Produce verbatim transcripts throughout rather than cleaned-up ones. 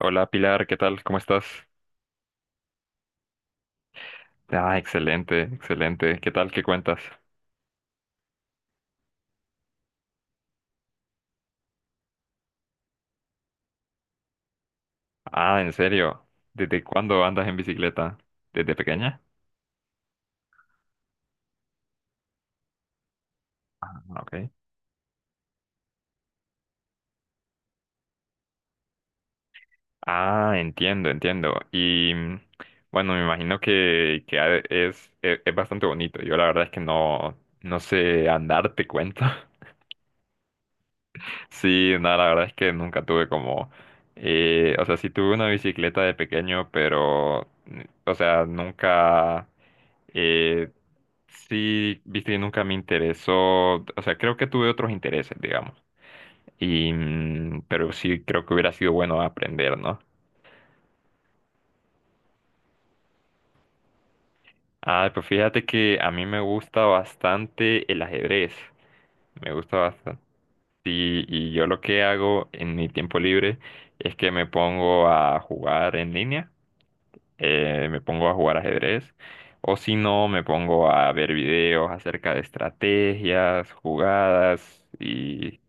Hola Pilar, ¿qué tal? ¿Cómo estás? Ah, excelente, excelente. ¿Qué tal? ¿Qué cuentas? Ah, en serio. ¿Desde cuándo andas en bicicleta? ¿Desde pequeña? Ah, ok. Ah, entiendo, entiendo. Y mm, bueno, me imagino que, que ha- es, e- es, bastante bonito. Yo la verdad es que no, no sé andar, te cuento. Sí, nada, la verdad es que nunca tuve como, eh, o sea, sí tuve una bicicleta de pequeño, pero, mm, o sea, nunca, eh, sí, viste, nunca me interesó, o sea, creo que tuve otros intereses, digamos, y, mm, pero sí creo que hubiera sido bueno aprender, ¿no? Ah, pues fíjate que a mí me gusta bastante el ajedrez, me gusta bastante, sí, y yo lo que hago en mi tiempo libre es que me pongo a jugar en línea. Eh, me pongo a jugar ajedrez, o si no, me pongo a ver videos acerca de estrategias, jugadas, y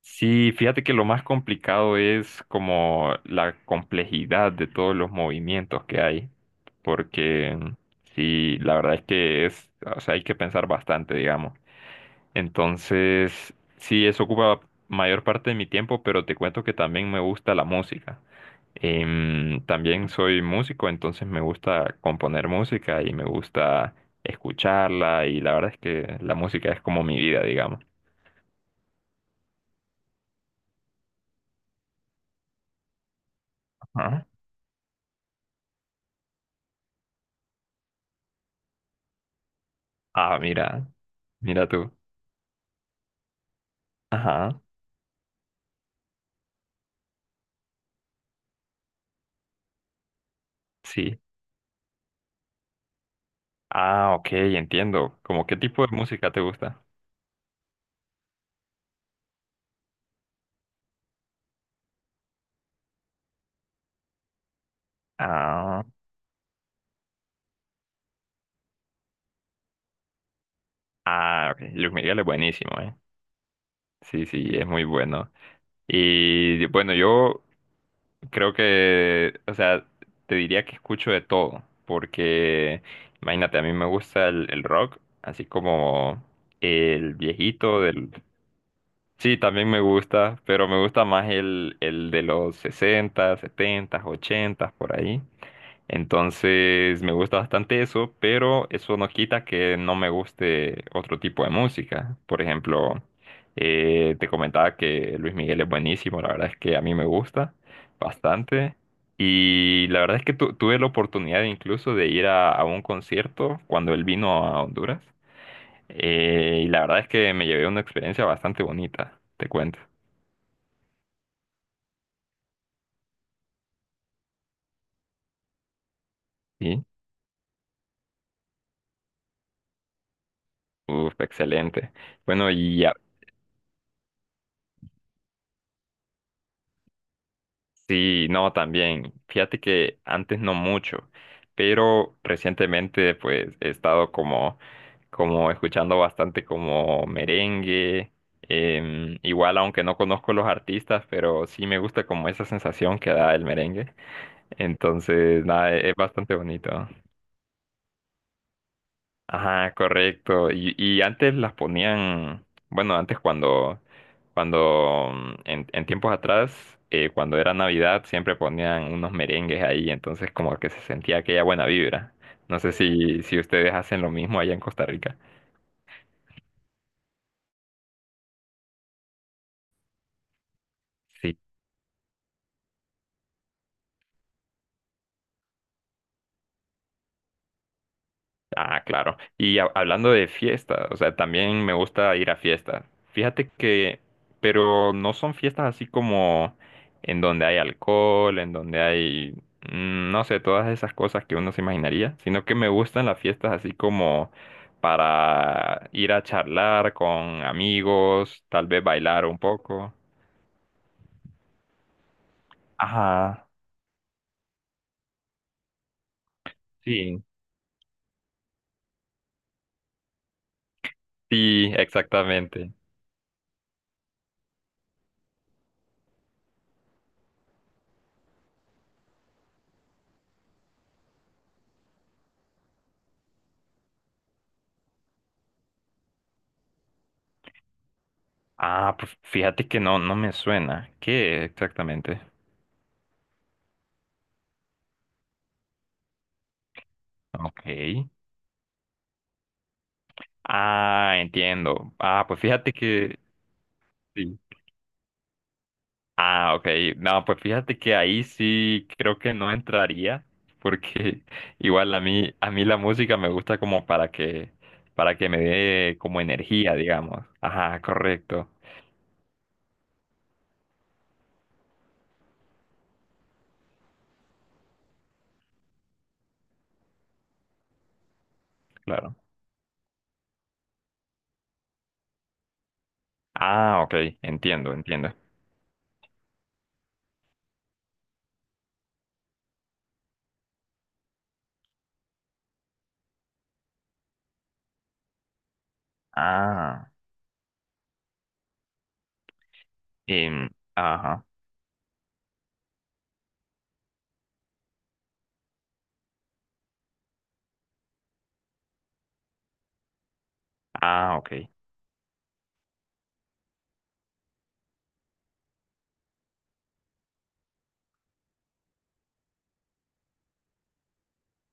sí, fíjate que lo más complicado es como la complejidad de todos los movimientos que hay, porque sí, la verdad es que es, o sea, hay que pensar bastante, digamos. Entonces, sí, eso ocupa mayor parte de mi tiempo, pero te cuento que también me gusta la música. Em, también soy músico, entonces me gusta componer música y me gusta escucharla y la verdad es que la música es como mi vida, digamos. Ajá. Ah, mira, mira tú. Ajá, sí. Ah, ok, entiendo. ¿Cómo qué tipo de música te gusta? Ah, ah, ok. Luis Miguel es buenísimo, ¿eh? Sí, sí, es muy bueno. Y bueno, yo creo que, o sea, te diría que escucho de todo, porque imagínate, a mí me gusta el, el rock, así como el viejito del. Sí, también me gusta, pero me gusta más el, el de los sesenta setenta, ochenta, por ahí. Entonces me gusta bastante eso, pero eso no quita que no me guste otro tipo de música. Por ejemplo, eh, te comentaba que Luis Miguel es buenísimo, la verdad es que a mí me gusta bastante. Y la verdad es que tu- tuve la oportunidad incluso de ir a, a un concierto cuando él vino a Honduras. Eh, y la verdad es que me llevé una experiencia bastante bonita, te cuento. Sí, uf, excelente. Bueno, y, ya. Sí, no, también. Fíjate que antes no mucho, pero recientemente pues he estado como, como, escuchando bastante como merengue. em, igual aunque no conozco los artistas, pero sí me gusta como esa sensación que da el merengue. Entonces, nada, es es bastante bonito. Ajá, correcto. Y, y antes las ponían, bueno, antes cuando, cuando mm, en, en tiempos atrás, eh, cuando era Navidad, siempre ponían unos merengues ahí, entonces como que se sentía aquella buena vibra. No sé si, si ustedes hacen lo mismo allá en Costa Rica. Sí, ah, claro. Y ha- hablando de fiestas, o sea, también me gusta ir a fiestas. Fíjate que, pero no son fiestas así como en donde hay alcohol, en donde hay, mm, no sé, todas esas cosas que uno se imaginaría, sino que me gustan las fiestas así como para ir a charlar con amigos, tal vez bailar un poco. Ajá. Sí. Sí, exactamente. Ah, pues fíjate que no, no me suena. ¿Qué exactamente? Ok. Ah, entiendo. Ah, pues fíjate que. Sí. Ah, ok. No, pues fíjate que ahí sí creo que no entraría, porque igual a mí, a mí, la música me gusta como para que, para que me dé como energía, digamos. Ajá, correcto. Claro. Ah, ok. Entiendo, entiendo. Ah, em, ajá. Ah, ok.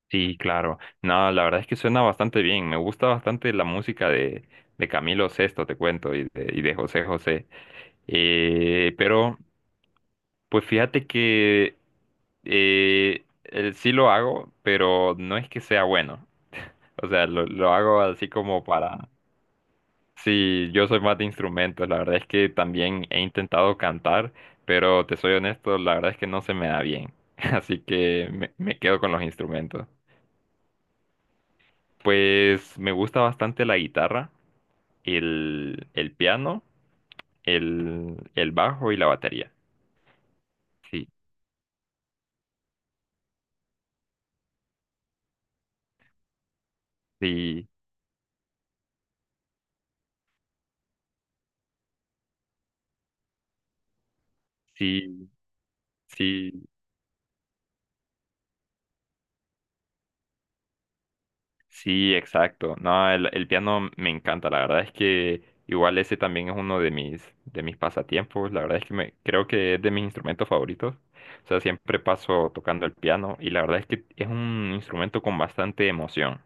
Sí, claro. No, la verdad es que suena bastante bien. Me gusta bastante la música de, de Camilo Sesto, te cuento, y de, y de José José. Eh, pero pues fíjate que eh, eh, sí lo hago, pero no es que sea bueno. O sea, lo, lo hago así como para. Sí, yo soy más de instrumentos. La verdad es que también he intentado cantar, pero te soy honesto, la verdad es que no se me da bien. Así que me, me quedo con los instrumentos. Pues me gusta bastante la guitarra, el, el piano, el, el bajo y la batería. Sí, sí, sí, sí. Sí, exacto. No, el, el piano me encanta. La verdad es que igual ese también es uno de mis, de mis pasatiempos. La verdad es que me, creo que es de mis instrumentos favoritos. O sea, siempre paso tocando el piano y la verdad es que es un instrumento con bastante emoción.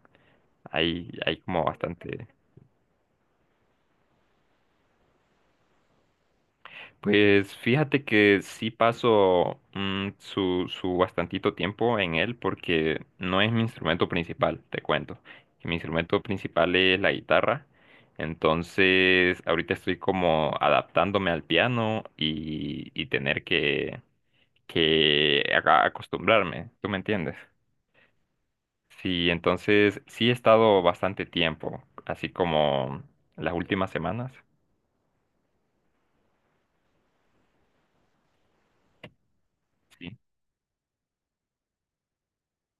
Hay, hay como bastante. Pues fíjate que sí paso mm, su, su bastantito tiempo en él porque no es mi instrumento principal, te cuento. Mi instrumento principal es la guitarra, entonces ahorita estoy como adaptándome al piano y, y tener que, que aga- acostumbrarme, ¿tú me entiendes? Sí, entonces sí he estado bastante tiempo, así como las últimas semanas. Sí.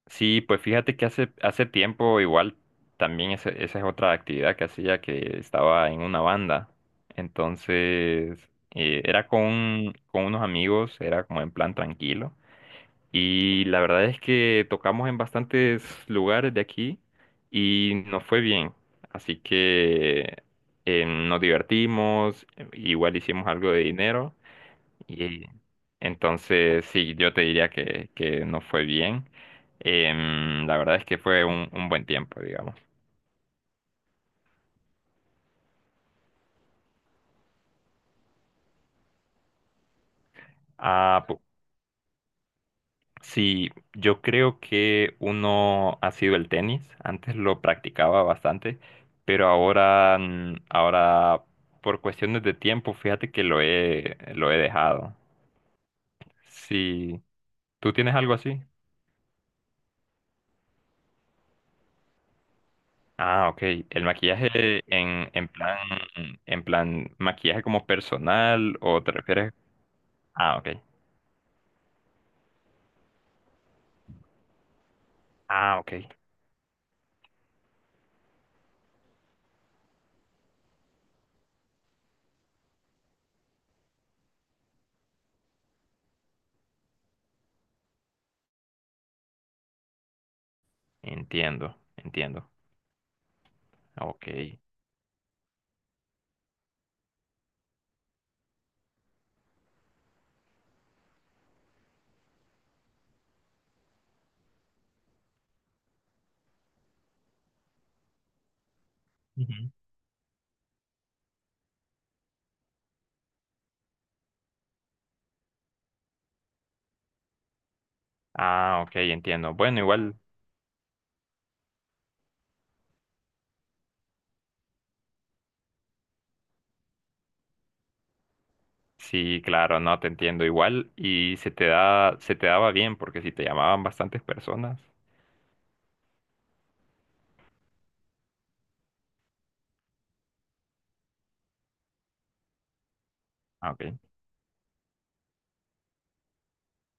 Sí, pues fíjate que hace, hace tiempo igual también ese- esa es otra actividad que hacía que estaba en una banda. Entonces, eh, era con, con unos amigos, era como en plan tranquilo. Y la verdad es que tocamos en bastantes lugares de aquí y nos fue bien. Así que eh, nos divertimos, igual hicimos algo de dinero. Y entonces, sí, yo te diría que, que no fue bien. Em, la verdad es que fue un, un buen tiempo, digamos. Ah, pu- sí, yo creo que uno ha sido el tenis. Antes lo practicaba bastante, pero ahora, mm, ahora por cuestiones de tiempo, fíjate que lo he, lo he dejado. Sí, ¿tú tienes algo así? Ah, ok. ¿El maquillaje en, en plan, en plan, maquillaje como personal o te refieres? Ah, ok. Ah, ok. Entiendo, entiendo. Ok. Ujú. Ah, ok, entiendo. Bueno, igual, sí, claro, no, te entiendo igual. Y se te da, se te daba bien, porque si te llamaban bastantes personas. Ah, ok.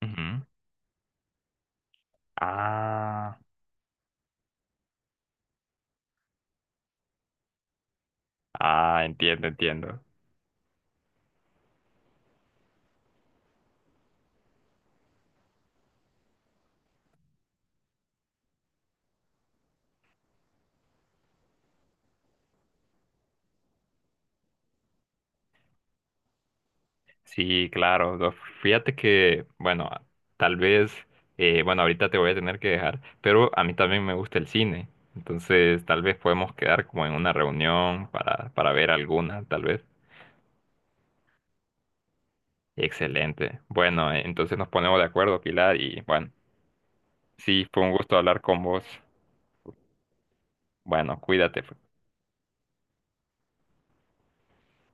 Ujú. Ah, ah, entiendo, entiendo. Sí, claro. No, fíjate que, bueno, tal vez, eh, bueno, ahorita te voy a tener que dejar, pero a mí también me gusta el cine. Entonces, tal vez podemos quedar como en una reunión para, para, ver alguna, tal vez. Excelente. Bueno, eh, entonces nos ponemos de acuerdo, Pilar, y bueno, sí, fue un gusto hablar con vos. Bueno, cuídate.